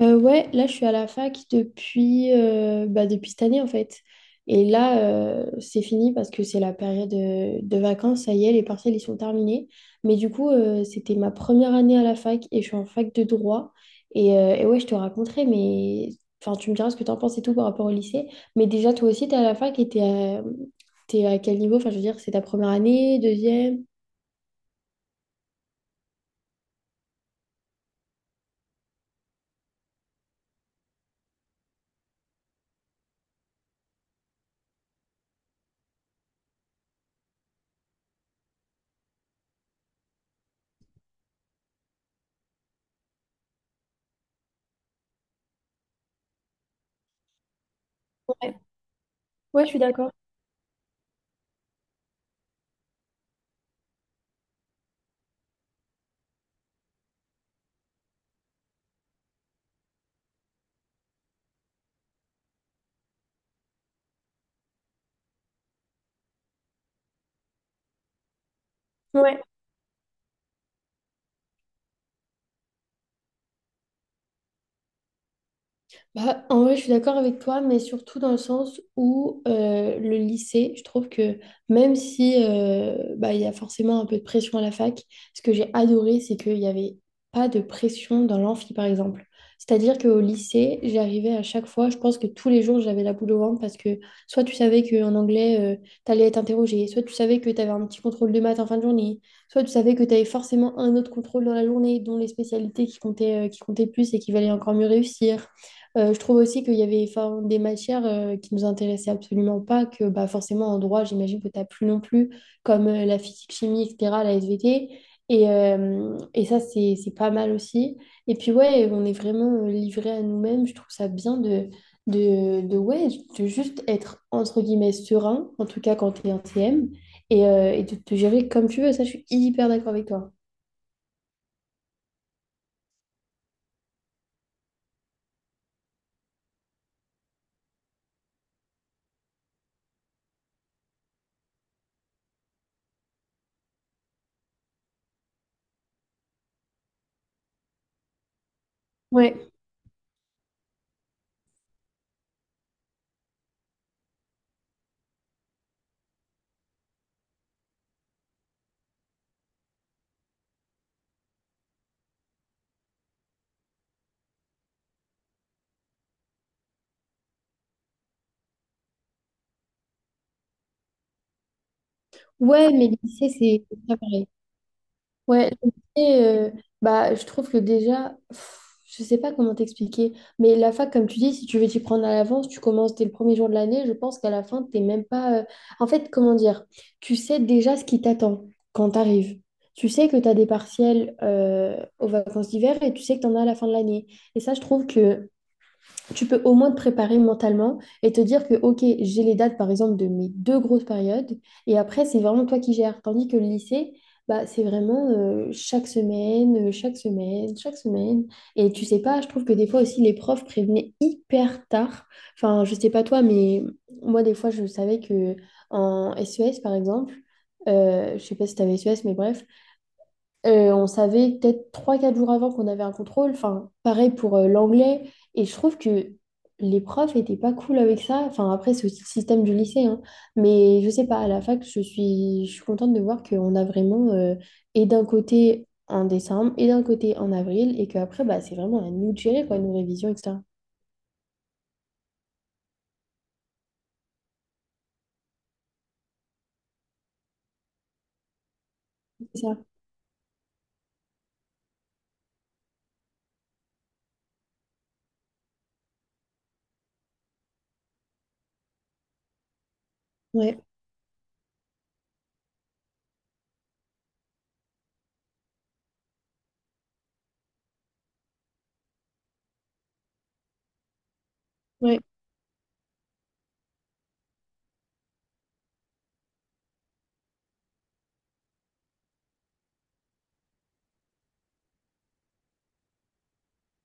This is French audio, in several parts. Ouais, là je suis à la fac depuis cette année en fait. Et là c'est fini parce que c'est la période de vacances, ça y est, les partiels ils sont terminés. Mais du coup c'était ma première année à la fac et je suis en fac de droit. Et ouais, je te raconterai, mais enfin tu me diras ce que t'en penses et tout par rapport au lycée. Mais déjà toi aussi t'es à la fac et t'es à quel niveau? Enfin je veux dire, c'est ta première année, deuxième? Ouais, ouais, je suis d'accord. Ouais. Bah, en vrai, je suis d'accord avec toi, mais surtout dans le sens où le lycée, je trouve que même si bah, il y a forcément un peu de pression à la fac, ce que j'ai adoré, c'est qu'il n'y avait pas de pression dans l'amphi, par exemple. C'est-à-dire qu'au lycée, j'arrivais à chaque fois, je pense que tous les jours, j'avais la boule au ventre parce que soit tu savais qu'en anglais, tu allais être interrogé, soit tu savais que tu avais un petit contrôle de maths en fin de journée, soit tu savais que tu avais forcément un autre contrôle dans la journée, dont les spécialités qui comptaient plus et qui valaient encore mieux réussir. Je trouve aussi qu'il y avait enfin, des matières qui nous intéressaient absolument pas, que bah, forcément en droit, j'imagine que tu n'as plus non plus, comme la physique, chimie, etc., la SVT. Et ça, c'est pas mal aussi. Et puis ouais, on est vraiment livré à nous-mêmes. Je trouve ça bien de, ouais, de juste être, entre guillemets, serein, en tout cas quand tu es en TM, et de te gérer comme tu veux. Ça, je suis hyper d'accord avec toi. Ouais, ouais, mais le lycée, c'est pas pareil. Ouais, je me disais, bah, je trouve que déjà, je sais pas comment t'expliquer, mais la fac, comme tu dis, si tu veux t'y prendre à l'avance, tu commences dès le premier jour de l'année, je pense qu'à la fin, t'es même pas... En fait, comment dire, tu sais déjà ce qui t'attend quand t'arrives. Tu sais que t'as des partiels aux vacances d'hiver et tu sais que t'en as à la fin de l'année. Et ça, je trouve que tu peux au moins te préparer mentalement et te dire que, OK, j'ai les dates, par exemple, de mes deux grosses périodes, et après, c'est vraiment toi qui gères. Tandis que le lycée, bah, c'est vraiment chaque semaine, chaque semaine, chaque semaine. Et tu sais pas, je trouve que des fois aussi, les profs prévenaient hyper tard. Enfin, je sais pas toi, mais moi, des fois, je savais que en SES, par exemple, je sais pas si tu avais SES, mais bref, on savait peut-être 3 4 jours avant qu'on avait un contrôle. Enfin, pareil pour l'anglais. Et je trouve que les profs étaient pas cool avec ça. Enfin, après, c'est aussi le système du lycée, hein. Mais je sais pas, à la fac, je suis contente de voir qu'on a vraiment, et d'un côté en décembre, et d'un côté en avril, et qu'après, bah, c'est vraiment à nous de gérer, quoi, nos révisions, etc. C'est ça. Ouais, ouais,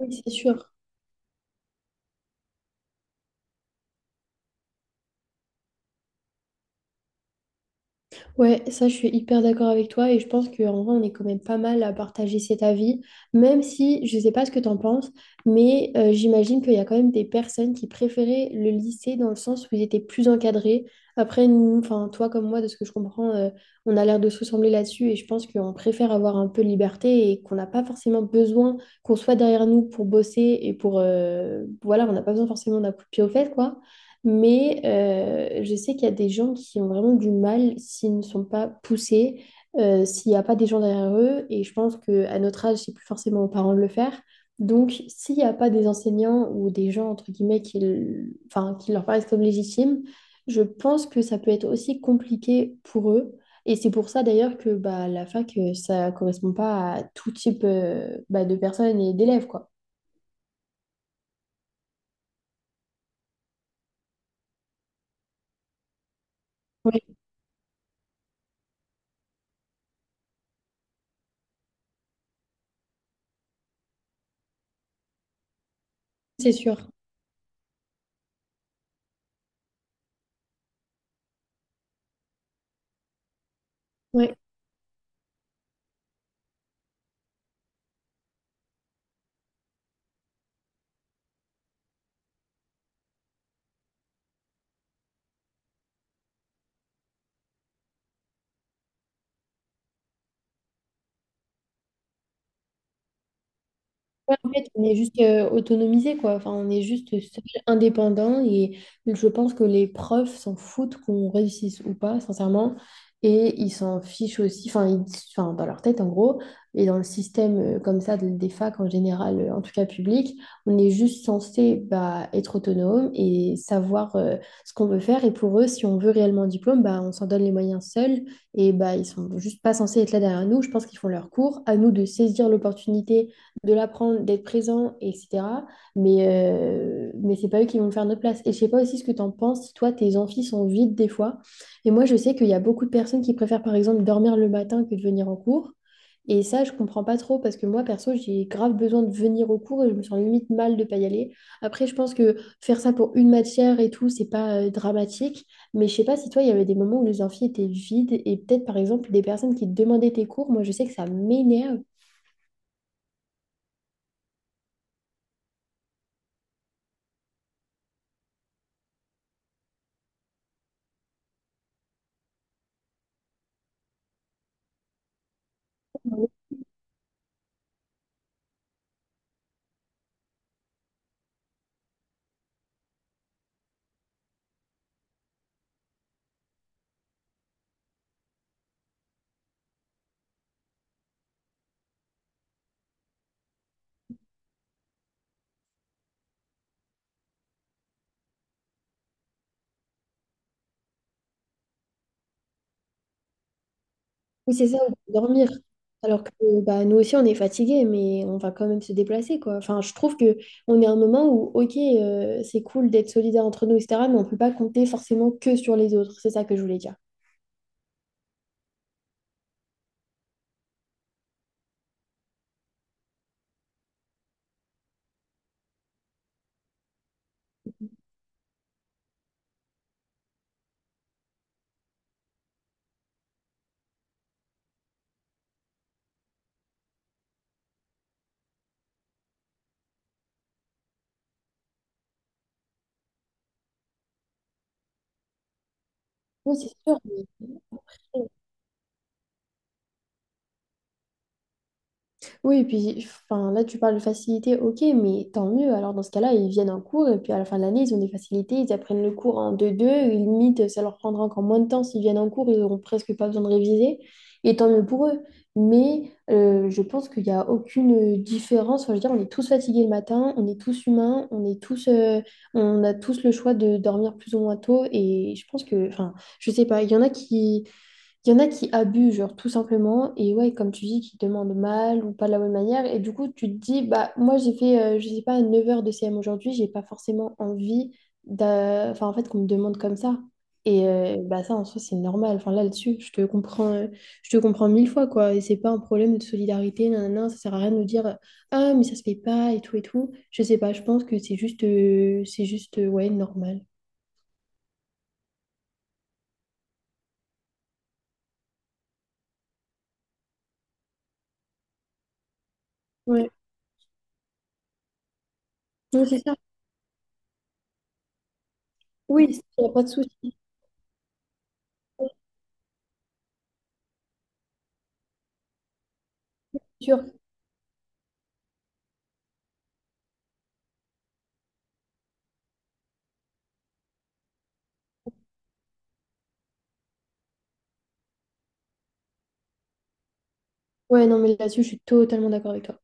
oui, c'est sûr. Ouais, ça, je suis hyper d'accord avec toi et je pense qu'en vrai, on est quand même pas mal à partager cet avis, même si je sais pas ce que t'en penses, mais j'imagine qu'il y a quand même des personnes qui préféraient le lycée dans le sens où ils étaient plus encadrés. Après, nous, enfin, toi comme moi, de ce que je comprends, on a l'air de se ressembler là-dessus et je pense qu'on préfère avoir un peu de liberté et qu'on n'a pas forcément besoin qu'on soit derrière nous pour bosser et voilà, on n'a pas besoin forcément d'un coup de pied aux fesses, quoi. Mais je sais qu'il y a des gens qui ont vraiment du mal s'ils ne sont pas poussés, s'il n'y a pas des gens derrière eux. Et je pense qu'à notre âge, c'est plus forcément aux parents de le faire. Donc, s'il n'y a pas des enseignants ou des gens, entre guillemets, qui, enfin, qui leur paraissent comme légitimes, je pense que ça peut être aussi compliqué pour eux. Et c'est pour ça d'ailleurs que bah, la fac, ça ne correspond pas à tout type bah, de personnes et d'élèves, quoi. Oui, c'est sûr. Oui. Ouais, en fait, on est juste autonomisé, quoi. Enfin, on est juste seul, indépendant. Et je pense que les profs s'en foutent qu'on réussisse ou pas, sincèrement. Et ils s'en fichent aussi, enfin, enfin, dans leur tête, en gros. Et dans le système comme ça, des facs en général, en tout cas public, on est juste censé bah, être autonome et savoir ce qu'on veut faire. Et pour eux, si on veut réellement un diplôme, bah, on s'en donne les moyens seuls. Et bah, ils sont juste pas censés être là derrière nous. Je pense qu'ils font leur cours. À nous de saisir l'opportunité de l'apprendre, d'être présent, etc. Mais c'est pas eux qui vont le faire à notre place. Et je sais pas aussi ce que t'en penses, si toi, tes amphis sont vides des fois. Et moi, je sais qu'il y a beaucoup de personnes qui préfèrent, par exemple, dormir le matin que de venir en cours. Et ça, je comprends pas trop parce que moi, perso, j'ai grave besoin de venir au cours et je me sens limite mal de pas y aller. Après, je pense que faire ça pour une matière et tout, c'est pas dramatique. Mais je sais pas si toi, il y avait des moments où les amphis étaient vides et peut-être, par exemple, des personnes qui te demandaient tes cours. Moi, je sais que ça m'énerve. Oui, c'est ça, on peut dormir. Alors que bah, nous aussi, on est fatigué, mais on va quand même se déplacer, quoi. Enfin, je trouve que on est à un moment où, OK, c'est cool d'être solidaire entre nous, etc., mais on ne peut pas compter forcément que sur les autres. C'est ça que je voulais dire. Oui, c'est sûr. mais- Oui, et puis enfin, là, tu parles de facilité, ok, mais tant mieux. Alors, dans ce cas-là, ils viennent en cours et puis à la fin de l'année, ils ont des facilités, ils apprennent le cours en deux deux et limite, ça leur prendra encore moins de temps s'ils viennent en cours, ils n'auront presque pas besoin de réviser. Et tant mieux pour eux. Mais je pense qu'il n'y a aucune différence. Enfin, je veux dire, on est tous fatigués le matin, on est tous humains, on a tous le choix de dormir plus ou moins tôt. Et je pense que, enfin, je sais pas, il y en a qui. Il y en a qui abusent, genre, tout simplement, et ouais, comme tu dis, qui demandent mal ou pas de la bonne manière, et du coup, tu te dis, bah, moi, j'ai fait, je sais pas, 9 heures de CM aujourd'hui, j'ai pas forcément envie enfin, en fait, qu'on me demande comme ça. Et bah, ça, en soi, c'est normal. Enfin, là-dessus, je te comprends 1000 fois, quoi, et c'est pas un problème de solidarité, nanana, ça sert à rien de nous dire, ah, mais ça se fait pas, et tout, et tout. Je sais pas, je pense que c'est juste, ouais, normal. Ouais, non c'est ça. Oui, il n'y a pas de souci. Ouais, non, mais là-dessus, je suis totalement d'accord avec toi.